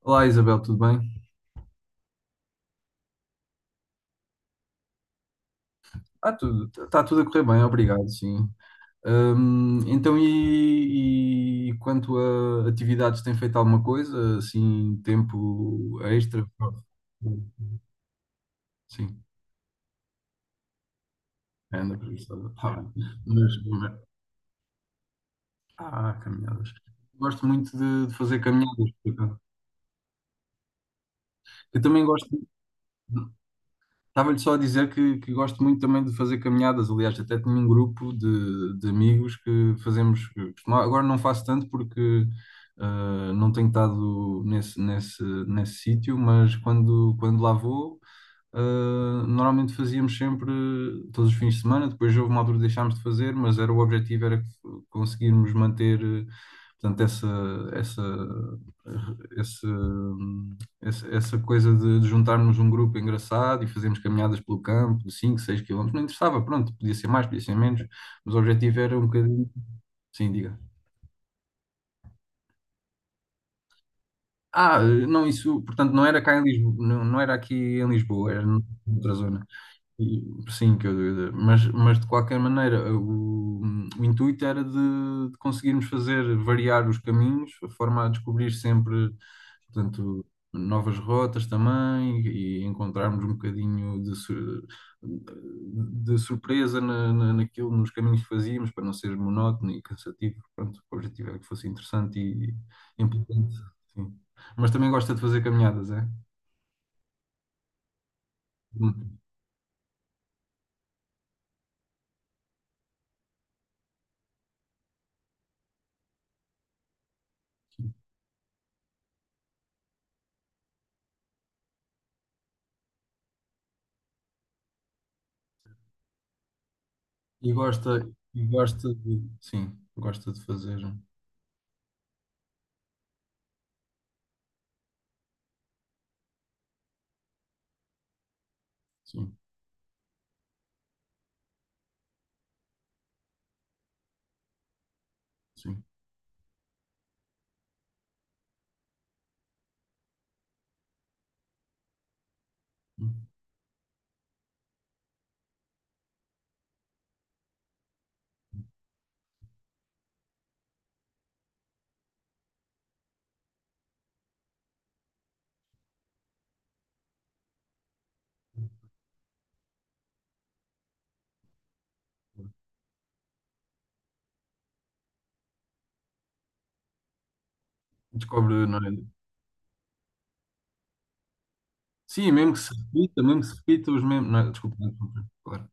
Olá Isabel, tudo bem? Tudo, está tudo a correr bem, obrigado, sim. Então, e quanto a atividades, tem feito alguma coisa, assim, tempo extra? Sim, anda por isso, está bem. Mas, mas- ah, caminhadas. Gosto muito de fazer caminhadas, por acaso. Eu também gosto. Estava-lhe só a dizer que gosto muito também de fazer caminhadas. Aliás, até tenho um grupo de amigos que fazemos, agora não faço tanto porque ah, não tenho estado nesse sítio, mas quando lá vou, normalmente fazíamos sempre todos os fins de semana, depois houve uma altura que deixámos de fazer, mas era, o objetivo era que conseguirmos manter, portanto, essa, essa coisa de juntarmos um grupo engraçado e fazermos caminhadas pelo campo de 5 6 quilómetros, não interessava, pronto, podia ser mais, podia ser menos, mas o objetivo era um bocadinho, sim, diga. Não, isso, portanto, não era cá em Lisboa, não, não era aqui em Lisboa, era noutra zona. E- Sim, que eu, mas de qualquer maneira, o intuito era de conseguirmos fazer variar os caminhos, a forma a descobrir sempre, portanto, novas rotas também e encontrarmos um bocadinho de, de surpresa naquilo, nos caminhos que fazíamos, para não ser monótono e cansativo. Pronto, o objetivo era que fosse interessante e importante, sim. Mas também gosta de fazer caminhadas, é? E gosta, e gosta de, sim, gosta de fazer, sim, sim. Descobre, não é? Sim, mesmo que se repita, mesmo que se repita os mesmos, não é? Desculpa, não, desculpa, claro.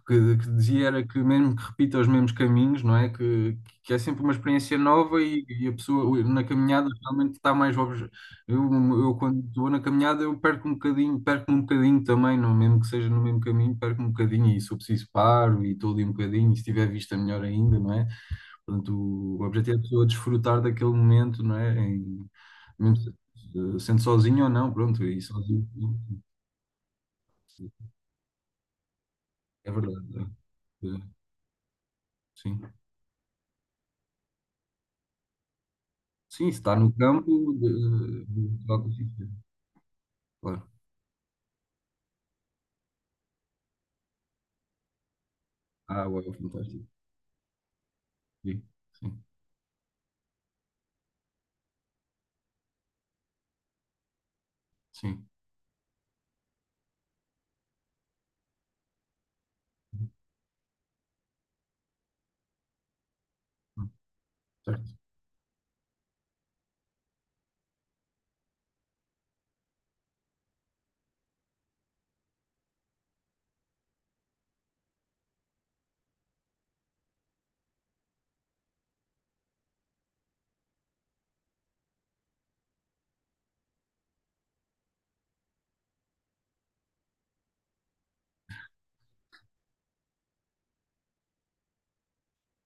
Que dizia era que mesmo que repita os mesmos caminhos, não é? Que é sempre uma experiência nova e a pessoa na caminhada realmente está mais obje... eu, eu quando estou na caminhada eu perco um bocadinho também, não, mesmo que seja no mesmo caminho, perco um bocadinho e se eu preciso paro e estou ali um bocadinho e se tiver vista melhor ainda, não é? Portanto, o objetivo é a pessoa é desfrutar daquele momento, não é? Em, mesmo se- eh, sendo sozinho ou não, pronto, e sozinho, pronto, é verdade. É, eh, sim, sim, se está no campo, toque, fica, claro. Ah, uau, fantástico. Sim, sim, sim. Hum, Certo.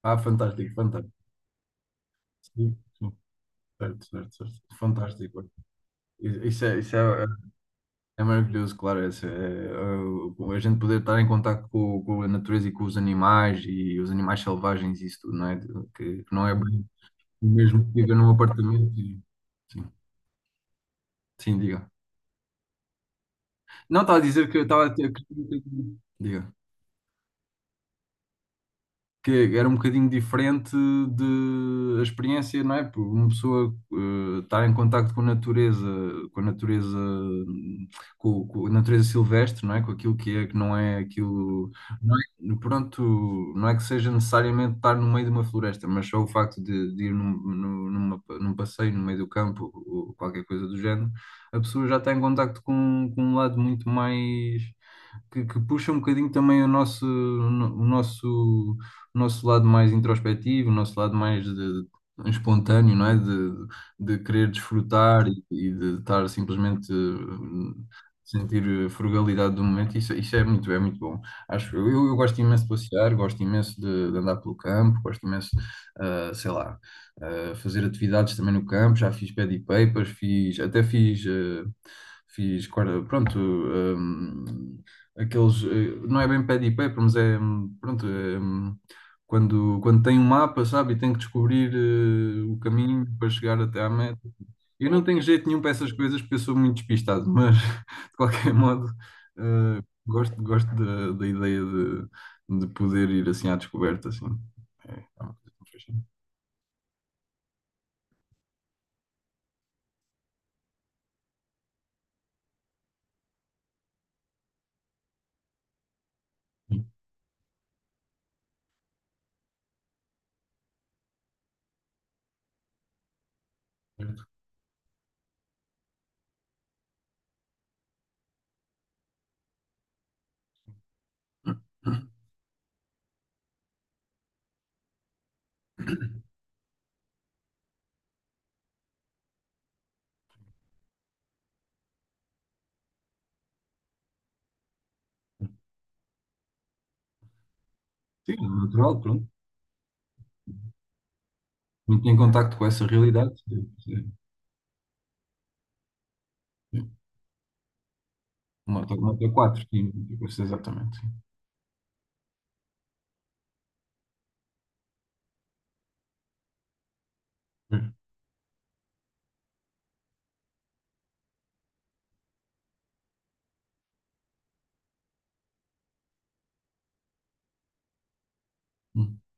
Ah, fantástico, fantástico. Sim, sim, certo, certo, certo. Fantástico. Isso é, é maravilhoso, claro. Essa, é, a gente poder estar em contato com a natureza e com os animais e os animais selvagens e isso tudo, não é? Que não é bem o mesmo que viver num apartamento. Sim, sim, diga. Não, estava a dizer que eu estava a ter. Diga. Que era um bocadinho diferente de a experiência, não é? Por uma pessoa estar em contacto com a natureza, com a natureza, com a natureza silvestre, não é? Com aquilo que é, que não é aquilo, não é, pronto, não é que seja necessariamente estar no meio de uma floresta, mas só o facto de ir num, num passeio no meio do campo ou qualquer coisa do género, a pessoa já está em contacto com um lado muito mais que puxa um bocadinho também o nosso lado mais introspectivo, o nosso lado mais de- espontâneo, não é? De querer desfrutar e de estar simplesmente sentir a frugalidade do momento. Isso é muito bom. Acho, eu gosto imenso de passear, gosto imenso de andar pelo campo, gosto imenso, sei lá, fazer atividades também no campo. Já fiz pad e papers, fiz, até fiz, fiz, pronto, eh, aqueles, não é bem pad e paper, mas é, pronto, é, quando, quando tem um mapa, sabe, e tem que descobrir o caminho para chegar até à meta. Eu não tenho jeito nenhum para essas coisas porque eu sou muito despistado, mas de qualquer modo, gosto, gosto da ideia de poder ir assim à descoberta, assim. É, é uma coisa que me faz sentido. Sim, é natural, pronto. Muito em contacto com essa realidade. Sim, sim, sim. Uma nota 4 sim, com certeza, exatamente. Sim. É.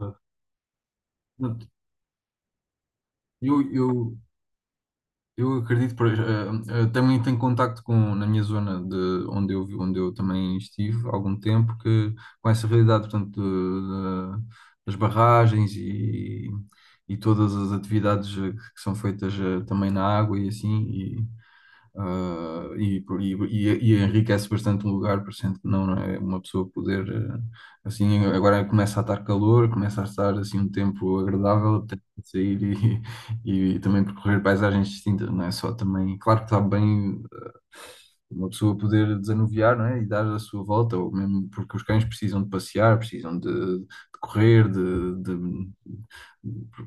Ah, não, Eu, eu, eu acredito, por, também tenho contacto com, na minha zona de onde eu, onde eu também estive há algum tempo, que com essa realidade, portanto, das barragens e todas as atividades que são feitas também na água e assim, e enriquece bastante um lugar, por cento que não, não é? Uma pessoa poder, assim, agora começa a estar calor, começa a estar, assim, um tempo agradável, tem que sair e também percorrer paisagens distintas, não é só também, claro que está bem uma pessoa poder desanuviar, não é? E dar a sua volta, ou mesmo porque os cães precisam de passear, precisam de correr,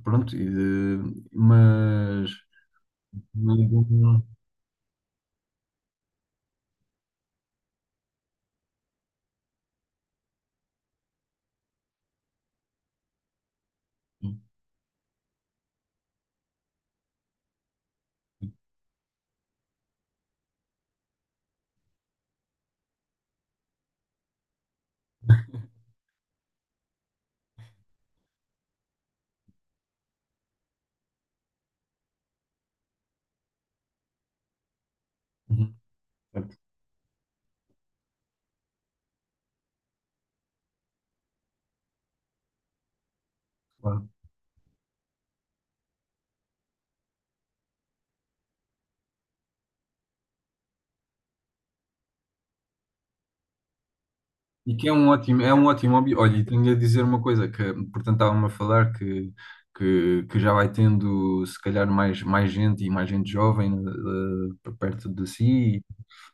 pronto, e de, mas... mas- Uhum, certo, claro. E que é um ótimo hobby. Olha, e tenho a dizer uma coisa, que, portanto, estava-me a falar que, que já vai tendo, se calhar, mais, mais gente e mais gente jovem perto de si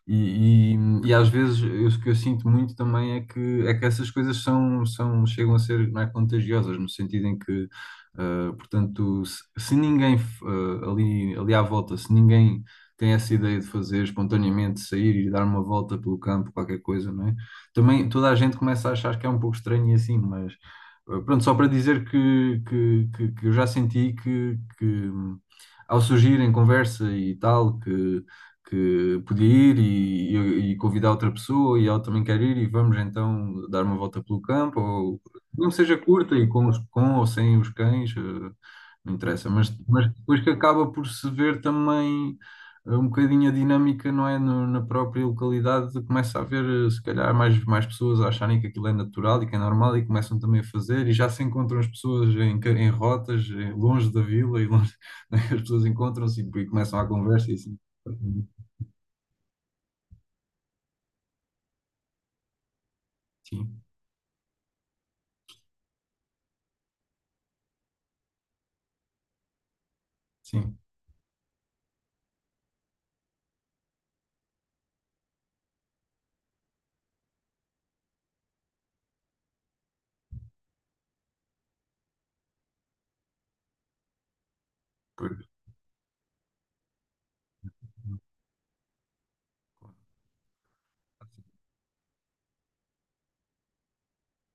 e às vezes o que eu sinto muito também é que essas coisas são, são, chegam a ser, não é, contagiosas, no sentido em que, portanto, se ninguém, ali, ali à volta, se ninguém tem essa ideia de fazer espontaneamente, sair e dar uma volta pelo campo, qualquer coisa, não é? Também toda a gente começa a achar que é um pouco estranho e assim, mas pronto, só para dizer que eu já senti que ao surgir em conversa e tal, que podia ir e convidar outra pessoa e ela também quer ir e vamos então dar uma volta pelo campo, ou não seja curta e com, com ou sem os cães, não interessa, mas depois que acaba por se ver também um bocadinho a dinâmica, não é? Na própria localidade começa a haver se calhar mais, mais pessoas a acharem que aquilo é natural e que é normal e começam também a fazer e já se encontram as pessoas em, em rotas, longe da vila e longe, as pessoas encontram-se e começam a conversa e assim. Sim, sim. Por-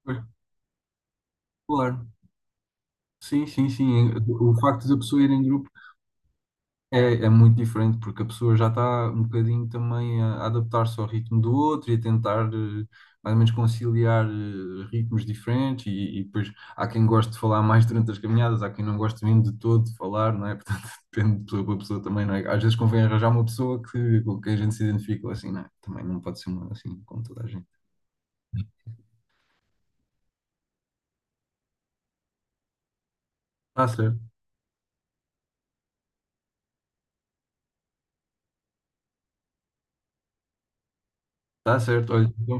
por- Claro. Sim, sim, sim. O facto da pessoa ir em grupo é, é muito diferente, porque a pessoa já está um bocadinho também a adaptar-se ao ritmo do outro e a tentar mais ou menos conciliar ritmos diferentes. E depois há quem goste de falar mais durante as caminhadas, há quem não goste mesmo de todo de falar, não é? Portanto, depende de pessoa para pessoa também, não é? Às vezes convém arranjar uma pessoa que, com quem a gente se identifica, assim, não é? Também não pode ser uma assim, como toda a gente. Está certo, está certo. Olha, então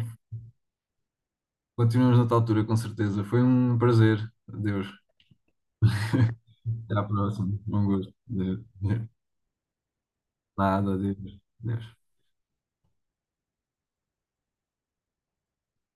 continuamos noutra altura, com certeza. Foi um prazer. Adeus. Até à próxima. Um gosto. Adeus. Nada, adeus. Adeus.